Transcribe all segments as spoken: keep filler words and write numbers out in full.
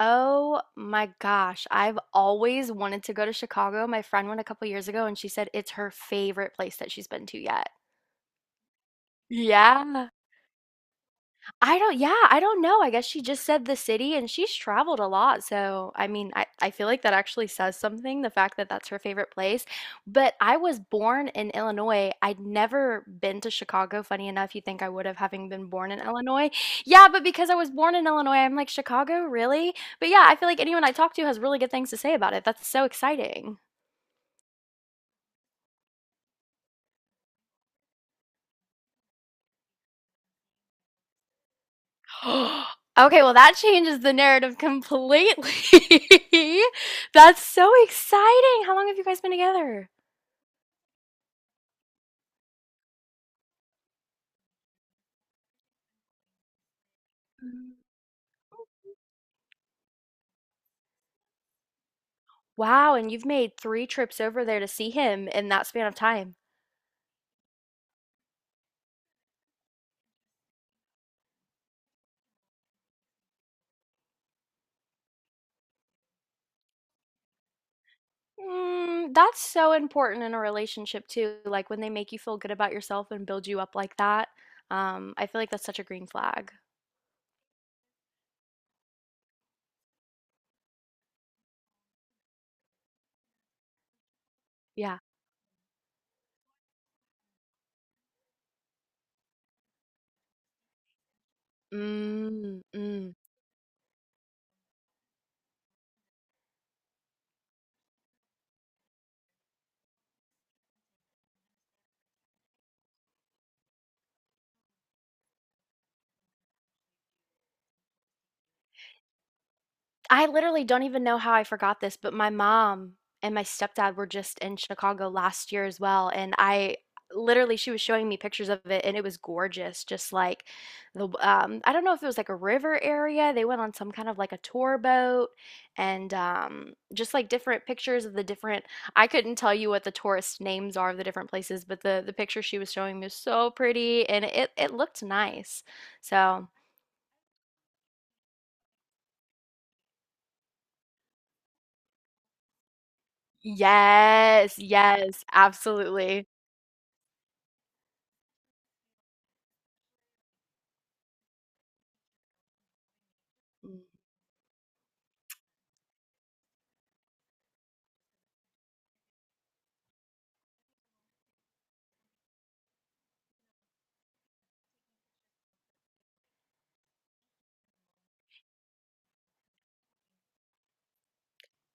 Oh my gosh, I've always wanted to go to Chicago. My friend went a couple years ago and she said it's her favorite place that she's been to yet. Yeah. I don't yeah, I don't know. I guess she just said the city and she's traveled a lot. So, I mean, I, I feel like that actually says something, the fact that that's her favorite place. But I was born in Illinois. I'd never been to Chicago. Funny enough, you think I would have having been born in Illinois. Yeah, but because I was born in Illinois, I'm like, Chicago, really? But yeah, I feel like anyone I talk to has really good things to say about it. That's so exciting. Okay, well, that changes the narrative completely. That's so exciting. How long have you guys been together? Mm. Wow, and you've made three trips over there to see him in that span of time. Mm, that's so important in a relationship too, like when they make you feel good about yourself and build you up like that. Um, I feel like that's such a green flag. Yeah. Mm, mm. I literally don't even know how I forgot this, but my mom and my stepdad were just in Chicago last year as well, and I literally she was showing me pictures of it, and it was gorgeous, just like the um I don't know if it was like a river area. They went on some kind of like a tour boat and um just like different pictures of the different I couldn't tell you what the tourist names are of the different places, but the the picture she was showing me was so pretty and it it looked nice. So, yes, yes, absolutely. Mm.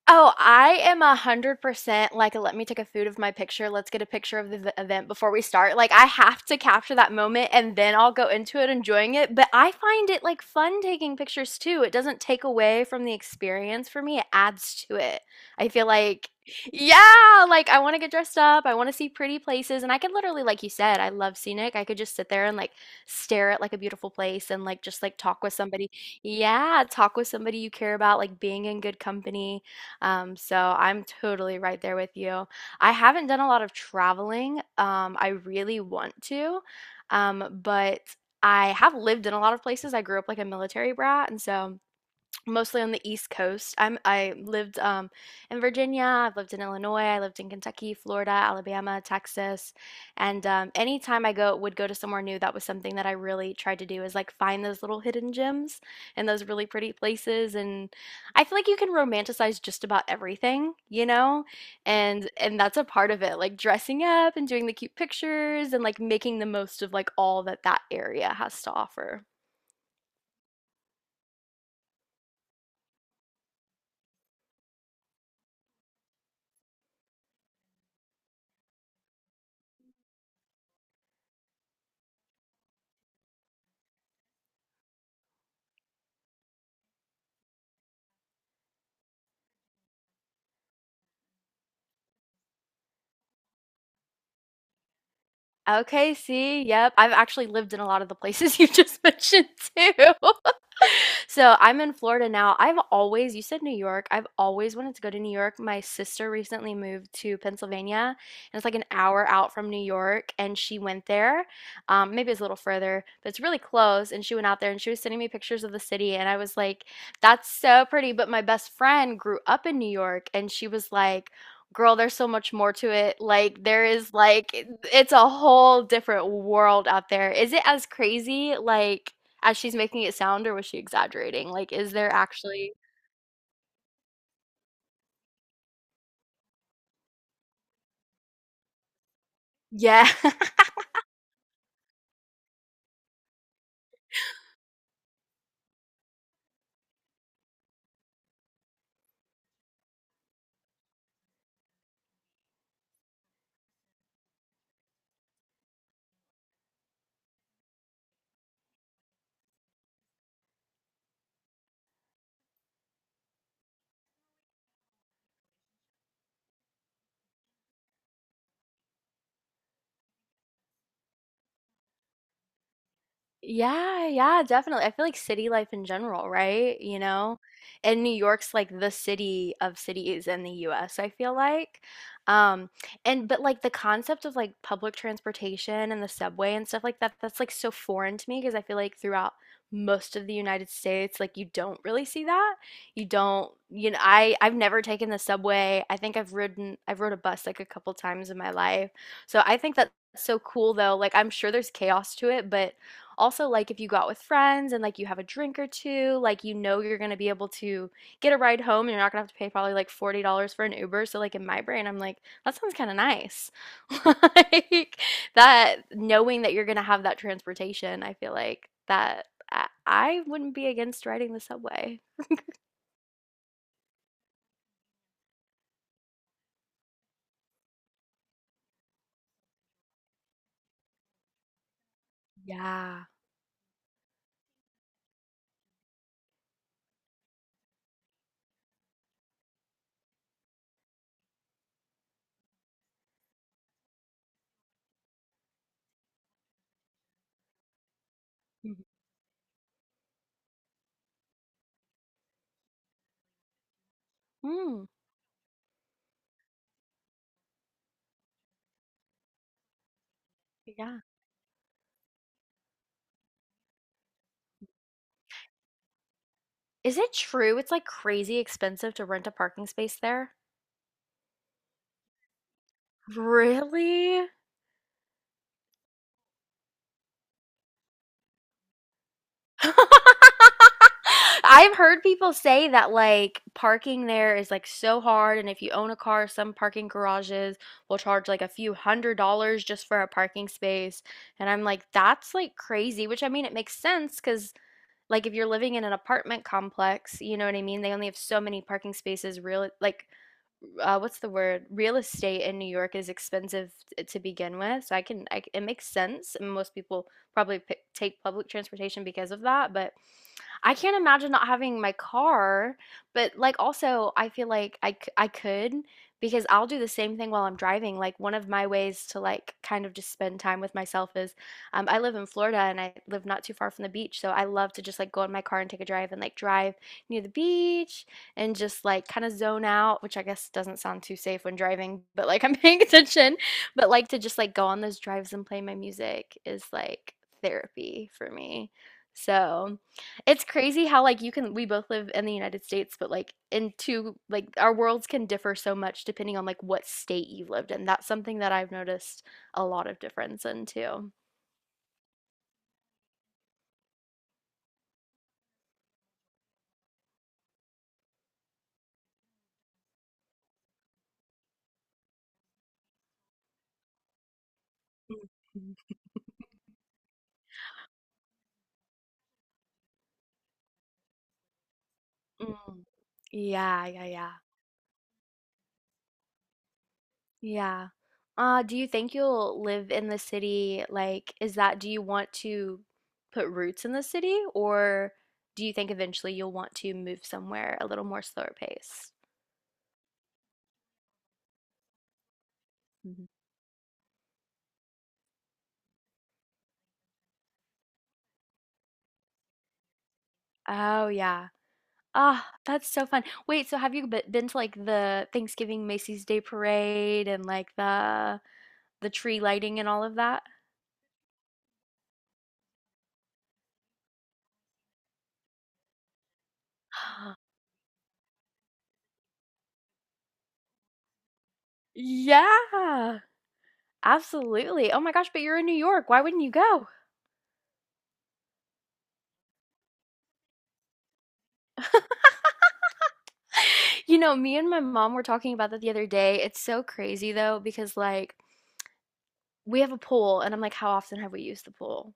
Oh, I am one hundred percent like, let me take a food of my picture. Let's get a picture of the v- event before we start. Like, I have to capture that moment and then I'll go into it enjoying it. But I find it like fun taking pictures too. It doesn't take away from the experience for me, it adds to it. I feel like, yeah, like I want to get dressed up. I want to see pretty places. And I could literally, like you said, I love scenic. I could just sit there and like stare at like a beautiful place and like just like talk with somebody. Yeah, talk with somebody you care about, like being in good company. Um, so I'm totally right there with you. I haven't done a lot of traveling. Um, I really want to, um, but I have lived in a lot of places. I grew up like a military brat, and so mostly on the East Coast. I'm I lived um, in Virginia. I've lived in Illinois. I lived in Kentucky, Florida, Alabama, Texas, and um, anytime I go would go to somewhere new, that was something that I really tried to do is like find those little hidden gems and those really pretty places. And I feel like you can romanticize just about everything, you know, and and that's a part of it, like dressing up and doing the cute pictures and like making the most of like all that that area has to offer. Okay, see, yep. I've actually lived in a lot of the places you just mentioned too. So I'm in Florida now. I've always, you said New York, I've always wanted to go to New York. My sister recently moved to Pennsylvania, and it's like an hour out from New York, and she went there. Um, maybe it's a little further, but it's really close. And she went out there and she was sending me pictures of the city, and I was like, that's so pretty. But my best friend grew up in New York, and she was like, girl, there's so much more to it. Like there is like it- it's a whole different world out there. Is it as crazy like as she's making it sound, or was she exaggerating? Like, is there actually? Yeah. Yeah, yeah, definitely. I feel like city life in general, right? You know, and New York's like the city of cities in the U S, I feel like. Um, and but like the concept of like public transportation and the subway and stuff like that, that's like so foreign to me because I feel like throughout most of the United States, like you don't really see that. You don't, you know, I I've never taken the subway. I think I've ridden I've rode a bus like a couple times in my life. So I think that's so cool though. Like I'm sure there's chaos to it, but also, like if you go out with friends and like you have a drink or two, like you know you're gonna be able to get a ride home and you're not gonna have to pay probably like forty dollars for an Uber. So like in my brain, I'm like, that sounds kind of nice. Like that knowing that you're gonna have that transportation, I feel like that I, I wouldn't be against riding the subway. Yeah. Mhm. Mm, yeah. Is it true it's like crazy expensive to rent a parking space there? Really? I've heard people say that like parking there is like so hard, and if you own a car, some parking garages will charge like a few hundred dollars just for a parking space. And I'm like, that's like crazy, which I mean, it makes sense because like, if you're living in an apartment complex, you know what I mean? They only have so many parking spaces, real, like, uh, what's the word? Real estate in New York is expensive t- to begin with. So I can, I, c- it makes sense. And most people probably pick, take public transportation because of that. But I can't imagine not having my car, but like also I feel like I, c- I could because I'll do the same thing while I'm driving. Like one of my ways to like kind of just spend time with myself is um, I live in Florida and I live not too far from the beach, so I love to just like go in my car and take a drive and like drive near the beach and just like kind of zone out, which I guess doesn't sound too safe when driving, but like I'm paying attention. But like to just like go on those drives and play my music is like therapy for me. So, it's crazy how like you can we both live in the United States, but like in two like our worlds can differ so much depending on like what state you lived in. That's something that I've noticed a lot of difference in too. Mhm. Mm. Yeah, yeah, yeah. Yeah. Uh, do you think you'll live in the city? Like, is that, do you want to put roots in the city, or do you think eventually you'll want to move somewhere a little more slower pace? Mhm. Oh, yeah. Ah, that's so fun. Wait, so have you be- been to like the Thanksgiving Macy's Day Parade and like the the tree lighting and all of that? Yeah, absolutely. Oh my gosh, but you're in New York. Why wouldn't you go? You know, me and my mom were talking about that the other day. It's so crazy though, because like we have a pool, and I'm like, how often have we used the pool?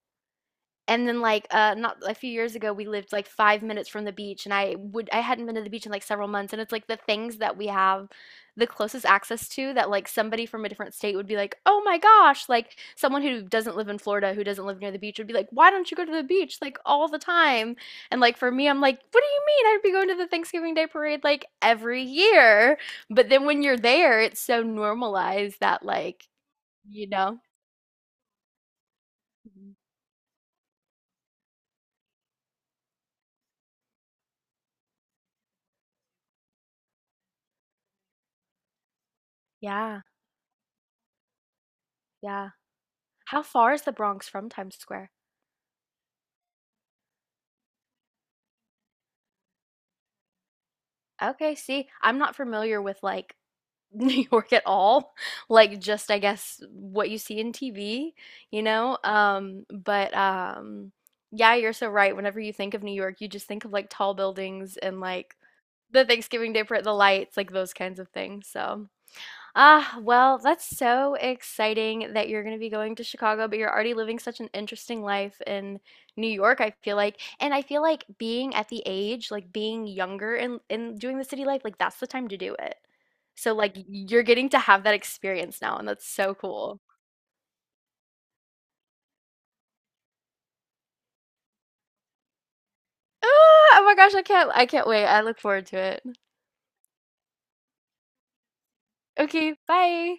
And then, like, uh, not a few years ago, we lived like five minutes from the beach, and I would I hadn't been to the beach in like several months, and it's like the things that we have the closest access to that like somebody from a different state would be like, oh my gosh, like someone who doesn't live in Florida, who doesn't live near the beach, would be like, why don't you go to the beach like all the time? And like for me, I'm like, what do you mean? I'd be going to the Thanksgiving Day parade like every year. But then when you're there, it's so normalized that like, you know, Mhm. Yeah, yeah. How far is the Bronx from Times Square? Okay, see, I'm not familiar with like New York at all. Like just I guess what you see in T V, you know? Um, but um yeah, you're so right. Whenever you think of New York, you just think of like tall buildings and like the Thanksgiving Day parade, the lights, like those kinds of things. So ah, well, that's so exciting that you're going to be going to Chicago, but you're already living such an interesting life in New York, I feel like. And I feel like being at the age, like being younger and and doing the city life, like that's the time to do it. So like you're getting to have that experience now, and that's so cool. Ah, oh my gosh, I can't I can't wait. I look forward to it. Okay, bye.